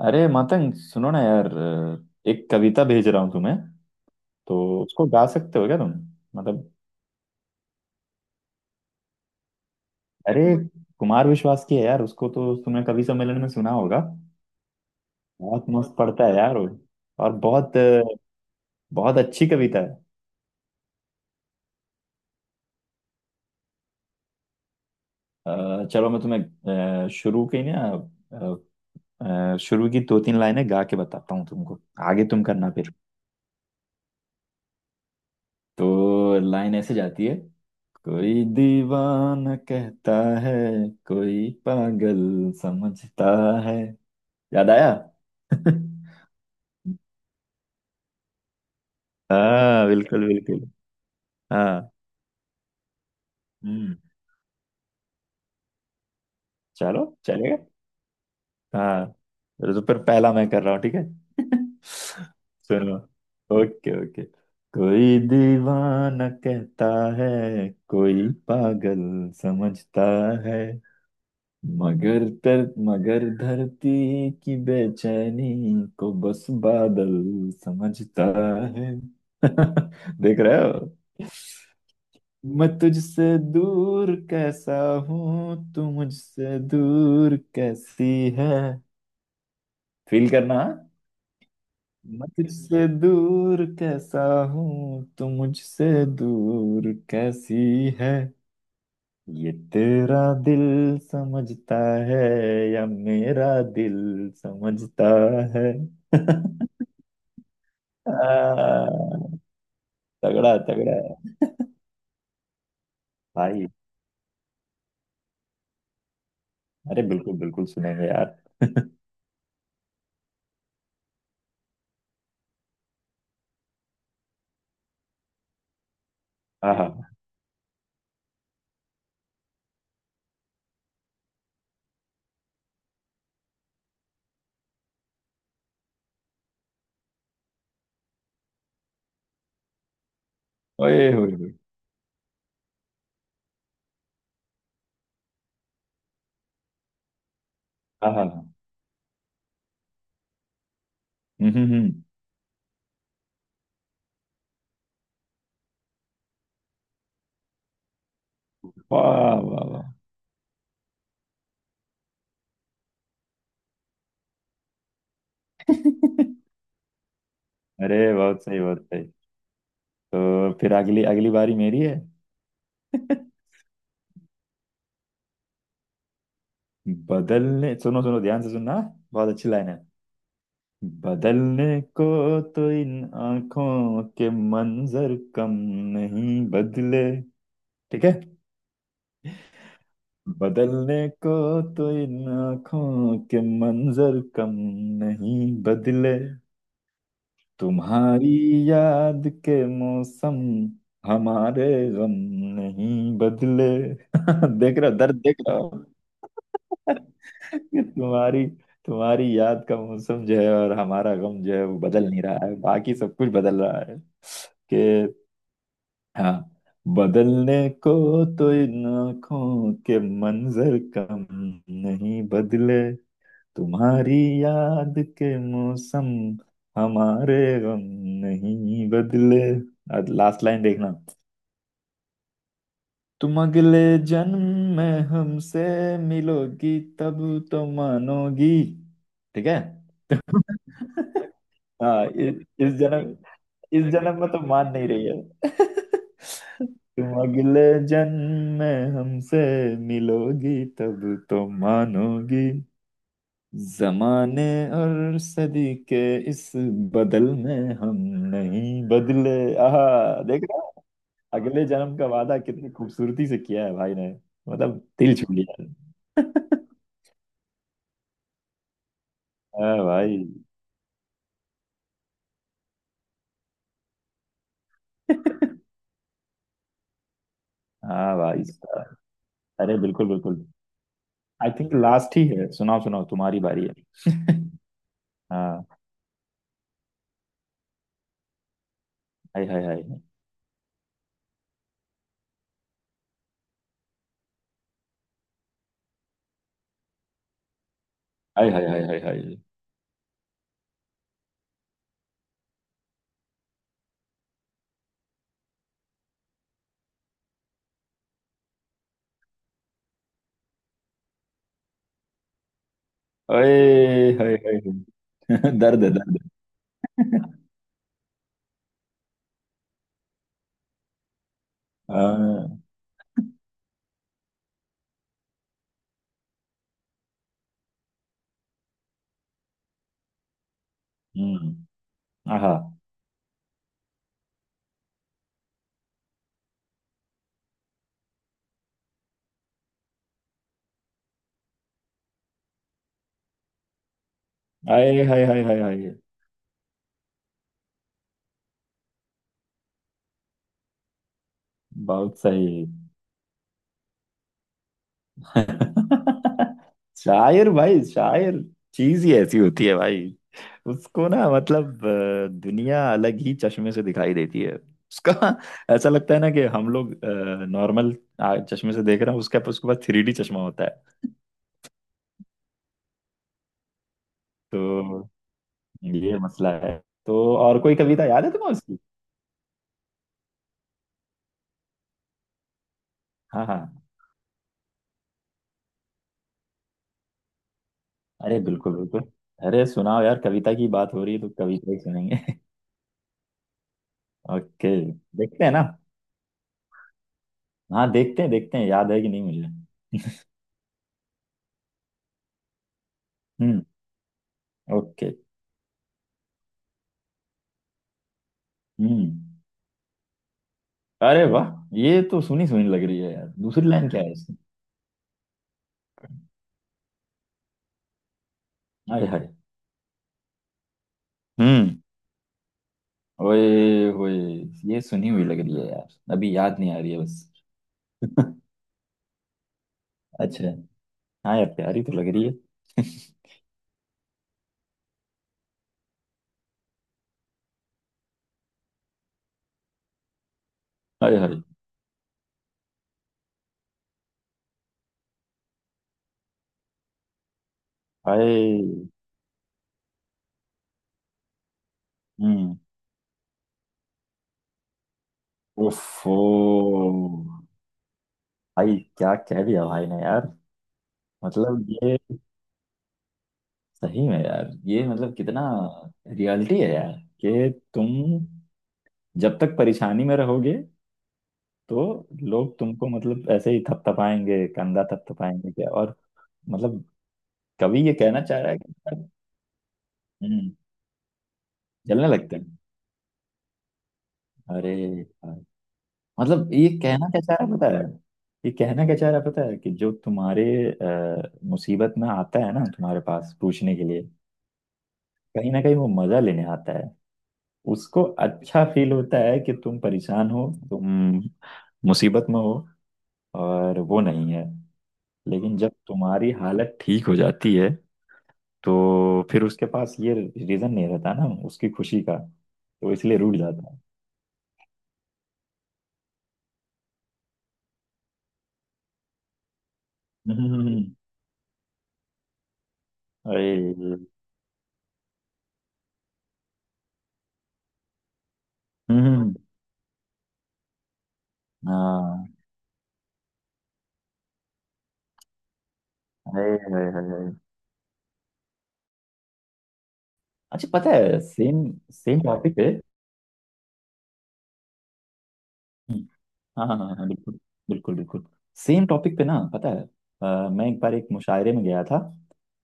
अरे मतंग सुनो ना यार। एक कविता भेज रहा हूँ तुम्हें। तो उसको गा सकते हो क्या तुम? मतलब। अरे कुमार विश्वास की है यार, उसको तो तुमने कवि सम्मेलन में सुना होगा। बहुत मस्त पढ़ता है यार वो। और बहुत बहुत अच्छी कविता है। चलो मैं तुम्हें शुरू की ना। अ, शुरू की दो तीन लाइनें गा के बताता हूँ तुमको। आगे तुम करना फिर। तो लाइन ऐसे जाती है। कोई दीवाना कहता है, कोई पागल समझता है। याद आया। हाँ बिल्कुल बिल्कुल। हाँ। हम्म। चलो चलेगा। हाँ। तो फिर पहला मैं कर रहा हूँ, ठीक है। सुनो। Okay okay. कोई दीवाना कहता है, कोई पागल समझता है। मगर तर मगर धरती की बेचैनी को बस बादल समझता है। देख रहे हो। मैं तुझसे दूर कैसा हूँ, तू मुझसे दूर कैसी है। फील करना हाँ? मैं तुझसे दूर कैसा हूँ, तू मुझसे दूर कैसी है। ये तेरा दिल समझता है या मेरा दिल समझता है। आ, तगड़ा तगड़ा है भाई। अरे बिल्कुल बिल्कुल सुनेंगे यार। हाँ हाँ। ओए होए होए। हाँ हाँ हाँ। हम्म हम्म हम्म। वाह वाह वाह। अरे बहुत सही बहुत सही। तो फिर अगली अगली बारी मेरी है। बदलने सुनो सुनो, ध्यान से सुनना। बहुत अच्छी लाइन है। बदलने को तो इन आंखों के मंजर कम नहीं बदले। ठीक है। बदलने को तो इन आंखों के मंजर कम नहीं बदले। तुम्हारी याद के मौसम हमारे गम नहीं बदले। देख रहे हो, दर्द देख रहे हो। तुम्हारी तुम्हारी याद का मौसम जो है और हमारा गम जो है, वो बदल नहीं रहा है, बाकी सब कुछ बदल रहा है। कि हाँ, बदलने को तो इन आंखों के मंजर कम नहीं बदले। तुम्हारी याद के मौसम हमारे गम नहीं बदले। लास्ट लाइन देखना। तुम अगले जन्म में हमसे मिलोगी तब तो मानोगी। ठीक है। हाँ, इ, इस जन्म इस जन्म में तो मान नहीं रही है। तुम अगले जन्म में हमसे मिलोगी तब तो मानोगी। जमाने और सदी के इस बदल में हम नहीं बदले। आहा। देख रहा है? अगले जन्म का वादा कितनी खूबसूरती से किया है भाई ने। मतलब दिल छू लिया। हाँ भाई। हाँ भाई साहब। अरे बिल्कुल बिल्कुल। आई थिंक लास्ट ही है, सुनाओ सुनाओ, तुम्हारी बारी है। हाँ। हाय हाय हाय हाय। हाय हाय हाय हाय। ओए हाय हाय हाय। दर्द है दर्द है। हाँ। हम्म। आहा। हाय हाय हाय हाय हाय। बहुत सही। शायर भाई शायर। चीज ही ऐसी होती है भाई। उसको ना, मतलब दुनिया अलग ही चश्मे से दिखाई देती है। उसका ऐसा लगता है ना कि हम लोग नॉर्मल चश्मे से देख रहे हैं, उसके उसके पास 3D चश्मा होता है। तो ये मसला है। तो और कोई कविता याद है तुम्हें उसकी? हाँ हाँ। अरे बिल्कुल बिल्कुल। अरे सुनाओ यार, कविता की बात हो रही है तो कविता ही सुनेंगे। ओके। देखते हैं ना। हाँ, देखते हैं देखते हैं, याद है कि नहीं मुझे। हम्म। ओके। हम्म। अरे वाह। ये तो सुनी सुनी लग रही है यार, दूसरी लाइन क्या है इसकी? हाय हाय। हम्म। ओए होए। ये सुनी हुई लग रही है यार, अभी याद नहीं आ रही है बस। अच्छा। हाँ यार, प्यारी तो लग रही है। हाय हाय हाय। हम्म। ओफो। भाई क्या कह दिया भाई ने यार। मतलब ये सही में यार, ये मतलब कितना रियलिटी है यार। कि तुम जब तक परेशानी में रहोगे तो लोग तुमको, मतलब ऐसे ही थपथपाएंगे, कंधा थपथपाएंगे क्या और। मतलब कवि ये कहना चाह रहा है कि हम्म, जलने लगते हैं। अरे यार, मतलब ये कहना क्या चाह रहा है पता है। ये कहना क्या चाह रहा है पता है कि जो तुम्हारे मुसीबत में आता है ना तुम्हारे पास पूछने के लिए, कहीं ना कहीं वो मजा लेने आता है। उसको अच्छा फील होता है कि तुम परेशान हो, तुम मुसीबत में हो और वो नहीं है। लेकिन जब तुम्हारी हालत ठीक हो जाती है तो फिर उसके पास ये रीजन नहीं रहता ना उसकी खुशी का, तो इसलिए रूठ जाता है। हम्म। अरे। हम्म। हाँ। अरे अरे अरे अरे। अच्छा, पता है, सेम सेम टॉपिक पे। हाँ हाँ हाँ, बिल्कुल बिल्कुल बिल्कुल। सेम टॉपिक पे ना, पता है। मैं एक बार एक मुशायरे में गया था।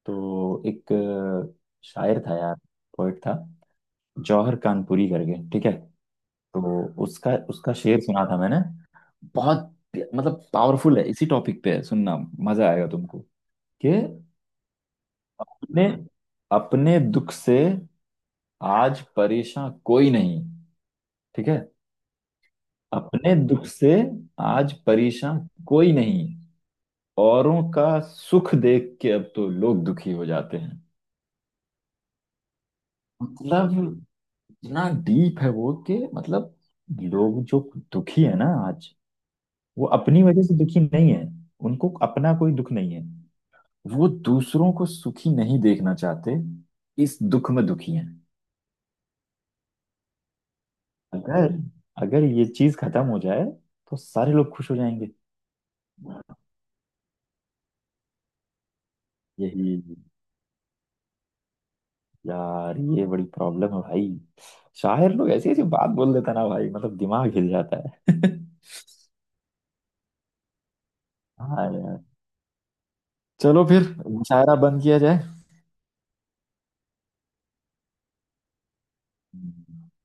तो एक शायर था यार, पोइट था। जौहर कानपुरी करके, ठीक है। तो उसका उसका शेर सुना था मैंने। बहुत मतलब पावरफुल है, इसी टॉपिक पे है, सुनना मजा आएगा तुमको। कि अपने अपने दुख से आज परेशान कोई नहीं, ठीक है। अपने दुख से आज परेशान कोई नहीं, औरों का सुख देख के अब तो लोग दुखी हो जाते हैं। मतलब इतना डीप है वो कि, मतलब लोग जो दुखी है ना आज, वो अपनी वजह से दुखी नहीं है। उनको अपना कोई दुख नहीं है। वो दूसरों को सुखी नहीं देखना चाहते, इस दुख में दुखी हैं। अगर अगर ये चीज खत्म हो जाए तो सारे लोग खुश हो जाएंगे। यही यार, ये बड़ी प्रॉब्लम है भाई। शायर लोग ऐसी ऐसी बात बोल देता ना भाई, मतलब दिमाग हिल जाता है। हाँ यार। चलो फिर, मुशायरा बंद किया जाए।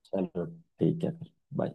चलो। ठीक है फिर। बाय।